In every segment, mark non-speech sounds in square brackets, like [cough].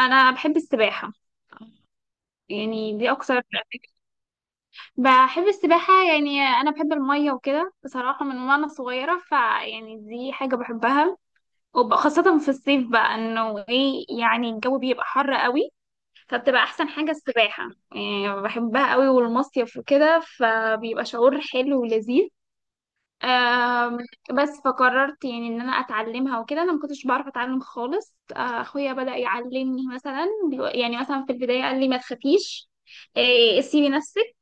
انا بحب السباحه. يعني دي اكتر بحب السباحه، يعني انا بحب الميه وكده بصراحه من وانا صغيره، فيعني دي حاجه بحبها، وخاصه في الصيف بقى انه ايه يعني الجو بيبقى حر قوي. فبتبقى احسن حاجه السباحه، يعني بحبها قوي والمصيف وكده، فبيبقى شعور حلو ولذيذ. آم، بس فقررت يعني ان انا اتعلمها وكده. انا ما كنتش بعرف اتعلم خالص. اخويا بدأ يعلمني، مثلا يعني مثلا في البداية قال لي ما تخافيش. سيبي نفسك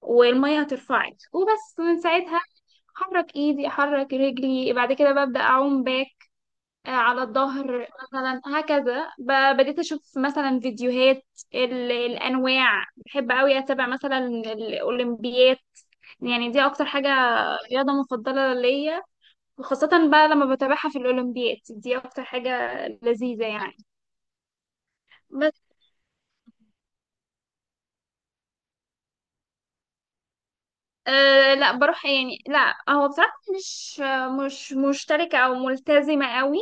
والمية هترفعك. وبس من ساعتها احرك ايدي احرك رجلي بعد كده ببدأ اعوم باك. على الظهر مثلا، هكذا. بديت اشوف مثلا فيديوهات الانواع. بحب قوي اتابع مثلا الاولمبيات. يعني دي اكتر حاجة، رياضة مفضلة ليا. وخاصة بقى لما بتابعها في الأولمبياد، دي أكتر حاجة لذيذة يعني. بس أه لا بروح، يعني لا هو بصراحة مش مشتركة أو ملتزمة قوي.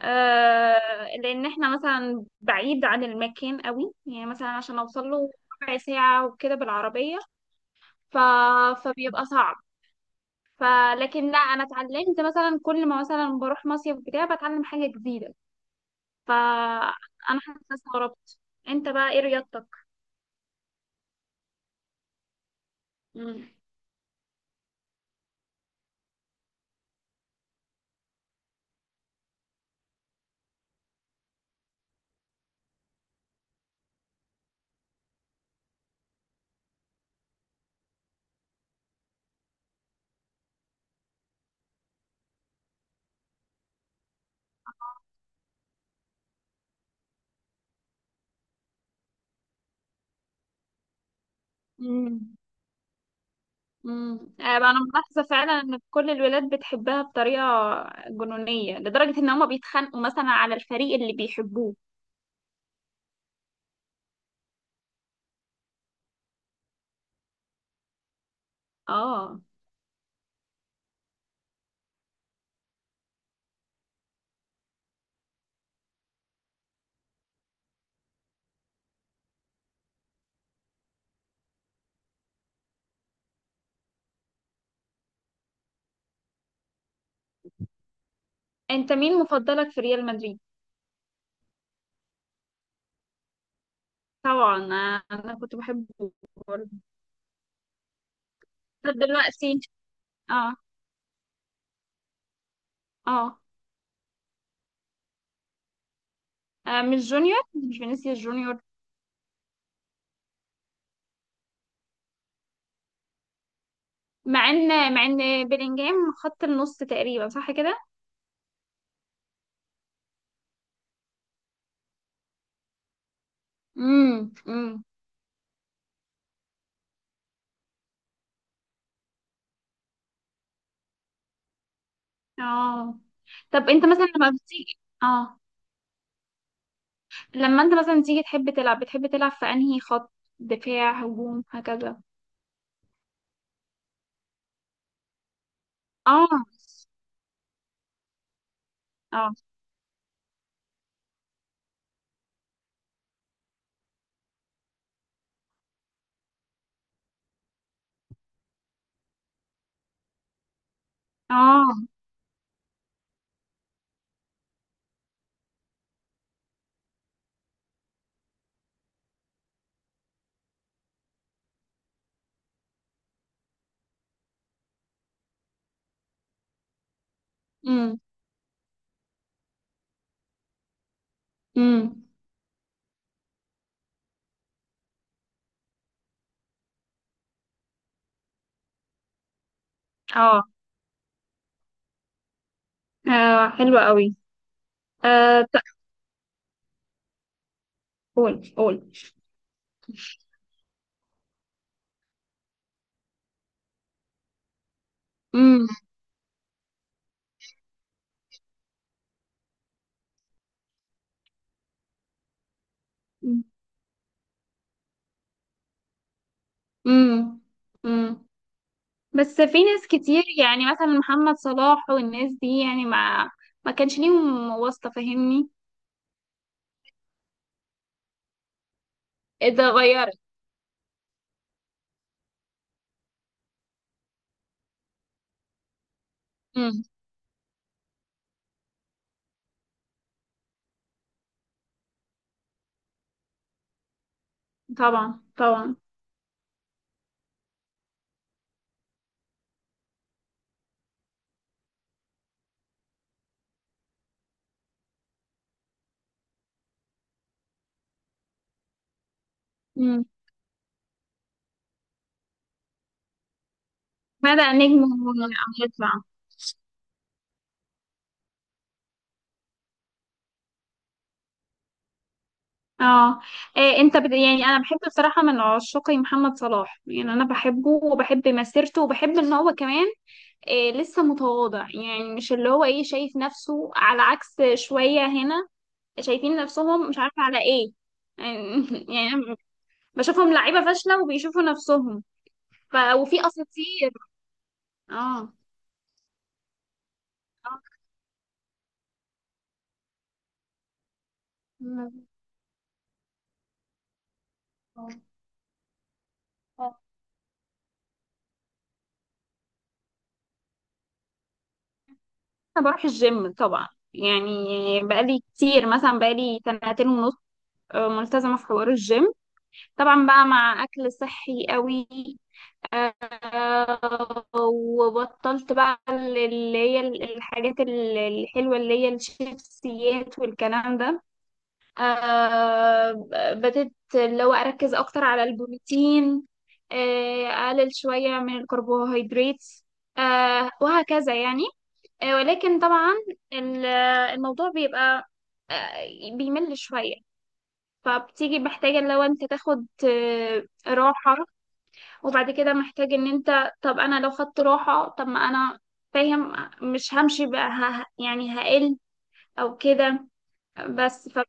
أه لأن احنا مثلا بعيد عن المكان قوي، يعني مثلا عشان أوصل له ربع ساعة وكده بالعربية. ف... فبيبقى صعب. فلكن لا، أنا اتعلمت مثلا كل ما مثلا بروح مصيف بتاع بتعلم حاجة جديدة. فأنا حاسة استغربت. أنت بقى إيه رياضتك؟ مم. مم. انا ملاحظه فعلا ان كل الولاد بتحبها بطريقه جنونيه لدرجه ان هما بيتخانقوا مثلا على الفريق اللي بيحبوه. اه، انت مين مفضلك في ريال مدريد؟ طبعا انا كنت بحبه برضه. طب دلوقتي. اه اه. مش جونيور، مش فينيسيوس جونيور. مع ان بيلينجهام خط النص تقريبا، صح كده؟ امم امم اه. طب انت مثلا لما بتيجي، اه، لما انت مثلا تيجي تحب تلعب، بتحب تلعب في انهي خط؟ دفاع، هجوم، هكذا؟ اه اه اه. امم امم اه. حلوة قوي. آه ت- قول قول. امم امم امم. بس في ناس كتير يعني مثلا محمد صلاح والناس دي، يعني ما كانش ليهم واسطة، فاهمني؟ اتغيرت. امم. طبعا طبعا. امم. بدأ نجم هيطلع. اه. إيه انت يعني انا بحب بصراحه، من عشاق محمد صلاح. يعني انا بحبه وبحب مسيرته، وبحب ان هو كمان إيه لسه متواضع. يعني مش اللي هو ايه شايف نفسه، على عكس شويه هنا شايفين نفسهم، مش عارفه على ايه يعني. [laughs] يعني أنا بشوفهم لعيبه فاشله وبيشوفوا نفسهم. ف... وفي اساطير. اه اه. انا بروح الجيم طبعا. يعني بقالي كتير، مثلا بقالي سنتين ونص. ملتزمه في حوار الجيم، طبعا بقى مع اكل صحي قوي. آه، وبطلت بقى اللي هي الحاجات الحلوة اللي هي الشيبسيات والكلام ده. بدأت اللي هو أركز أكتر على البروتين. أقلل شوية من الكربوهيدرات. وهكذا يعني. ولكن طبعا ال- الموضوع بيبقى بيمل شوية. فبتيجي محتاجة لو انت تاخد راحة. وبعد كده محتاج ان انت، طب انا لو خدت راحة طب ما انا فاهم، مش همشي بقى يعني هقل او كده. بس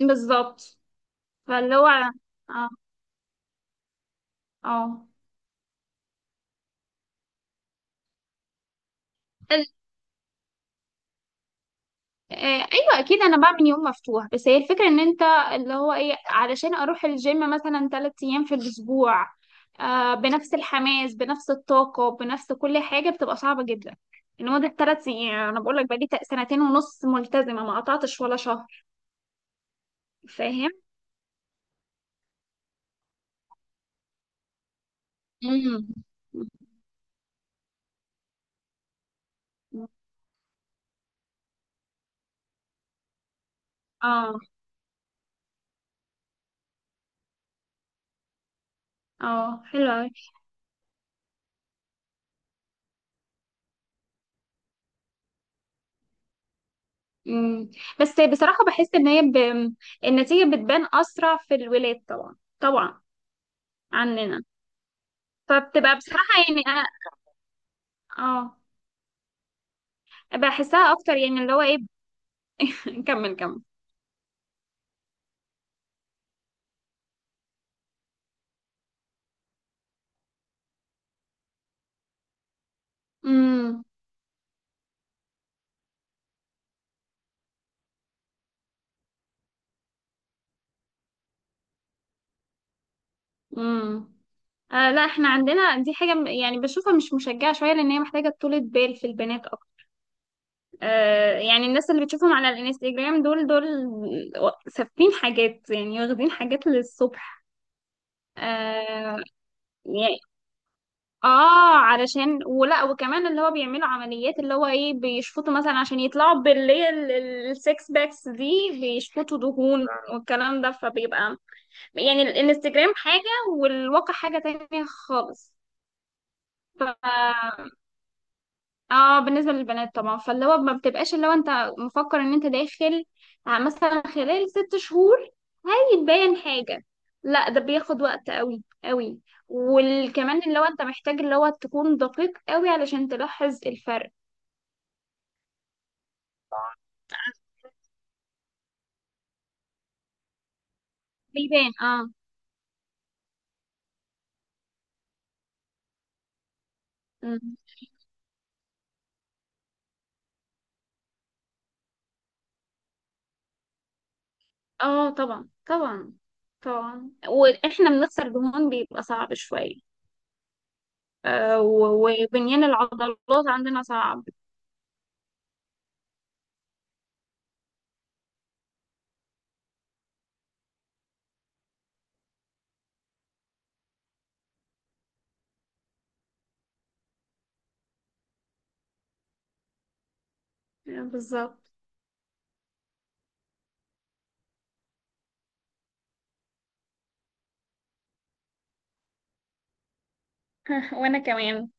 بالظبط. فاللي هو اه اه ال- آه، ايوه اكيد انا بعمل يوم مفتوح. بس هي الفكره ان انت، اللي هو ايه، علشان اروح الجيم مثلا 3 ايام في الاسبوع، بنفس الحماس بنفس الطاقه بنفس كل حاجه، بتبقى صعبه جدا. ان هو ده الثلاث ايام، انا بقول لك بقالي سنتين ونص ملتزمه ما قطعتش ولا شهر، فاهم؟ امم. اه اه، حلو قوي. بس بصراحة بحس ان هي النتيجة بتبان اسرع في الولاد، طبعا طبعا عننا. فبتبقى بصراحة يعني اه بحسها اكتر، يعني اللي هو ايه. [laughs] نكمل كمل. امم امم. لا احنا عندنا دي حاجة يعني بشوفها مش مشجعة شوية، لان هي محتاجة طولة بال في البنات اكتر. يعني الناس اللي بتشوفهم على الانستجرام، دول سافين حاجات يعني، واخدين حاجات للصبح. آه يعني اه علشان ولا وكمان اللي هو بيعملوا عمليات اللي هو ايه، بيشفطوا مثلا عشان يطلعوا باللي هي السكس باكس دي، بيشفطوا دهون والكلام ده. فبيبقى يعني الانستجرام حاجة والواقع حاجة تانية خالص. اه بالنسبة للبنات طبعا، فاللي هو ما بتبقاش اللي هو انت مفكر ان انت داخل مثلا خلال 6 شهور هيتبين حاجة. لا ده بياخد وقت قوي قوي، وكمان اللي هو انت محتاج اللي هو تكون دقيق قوي علشان تلاحظ الفرق. بيبان اه. مم. اه طبعا طبعا. طبعا واحنا بنخسر دهون بيبقى صعب شوية. وبنيان العضلات عندنا صعب. بالظبط. [laughs] وانا كمان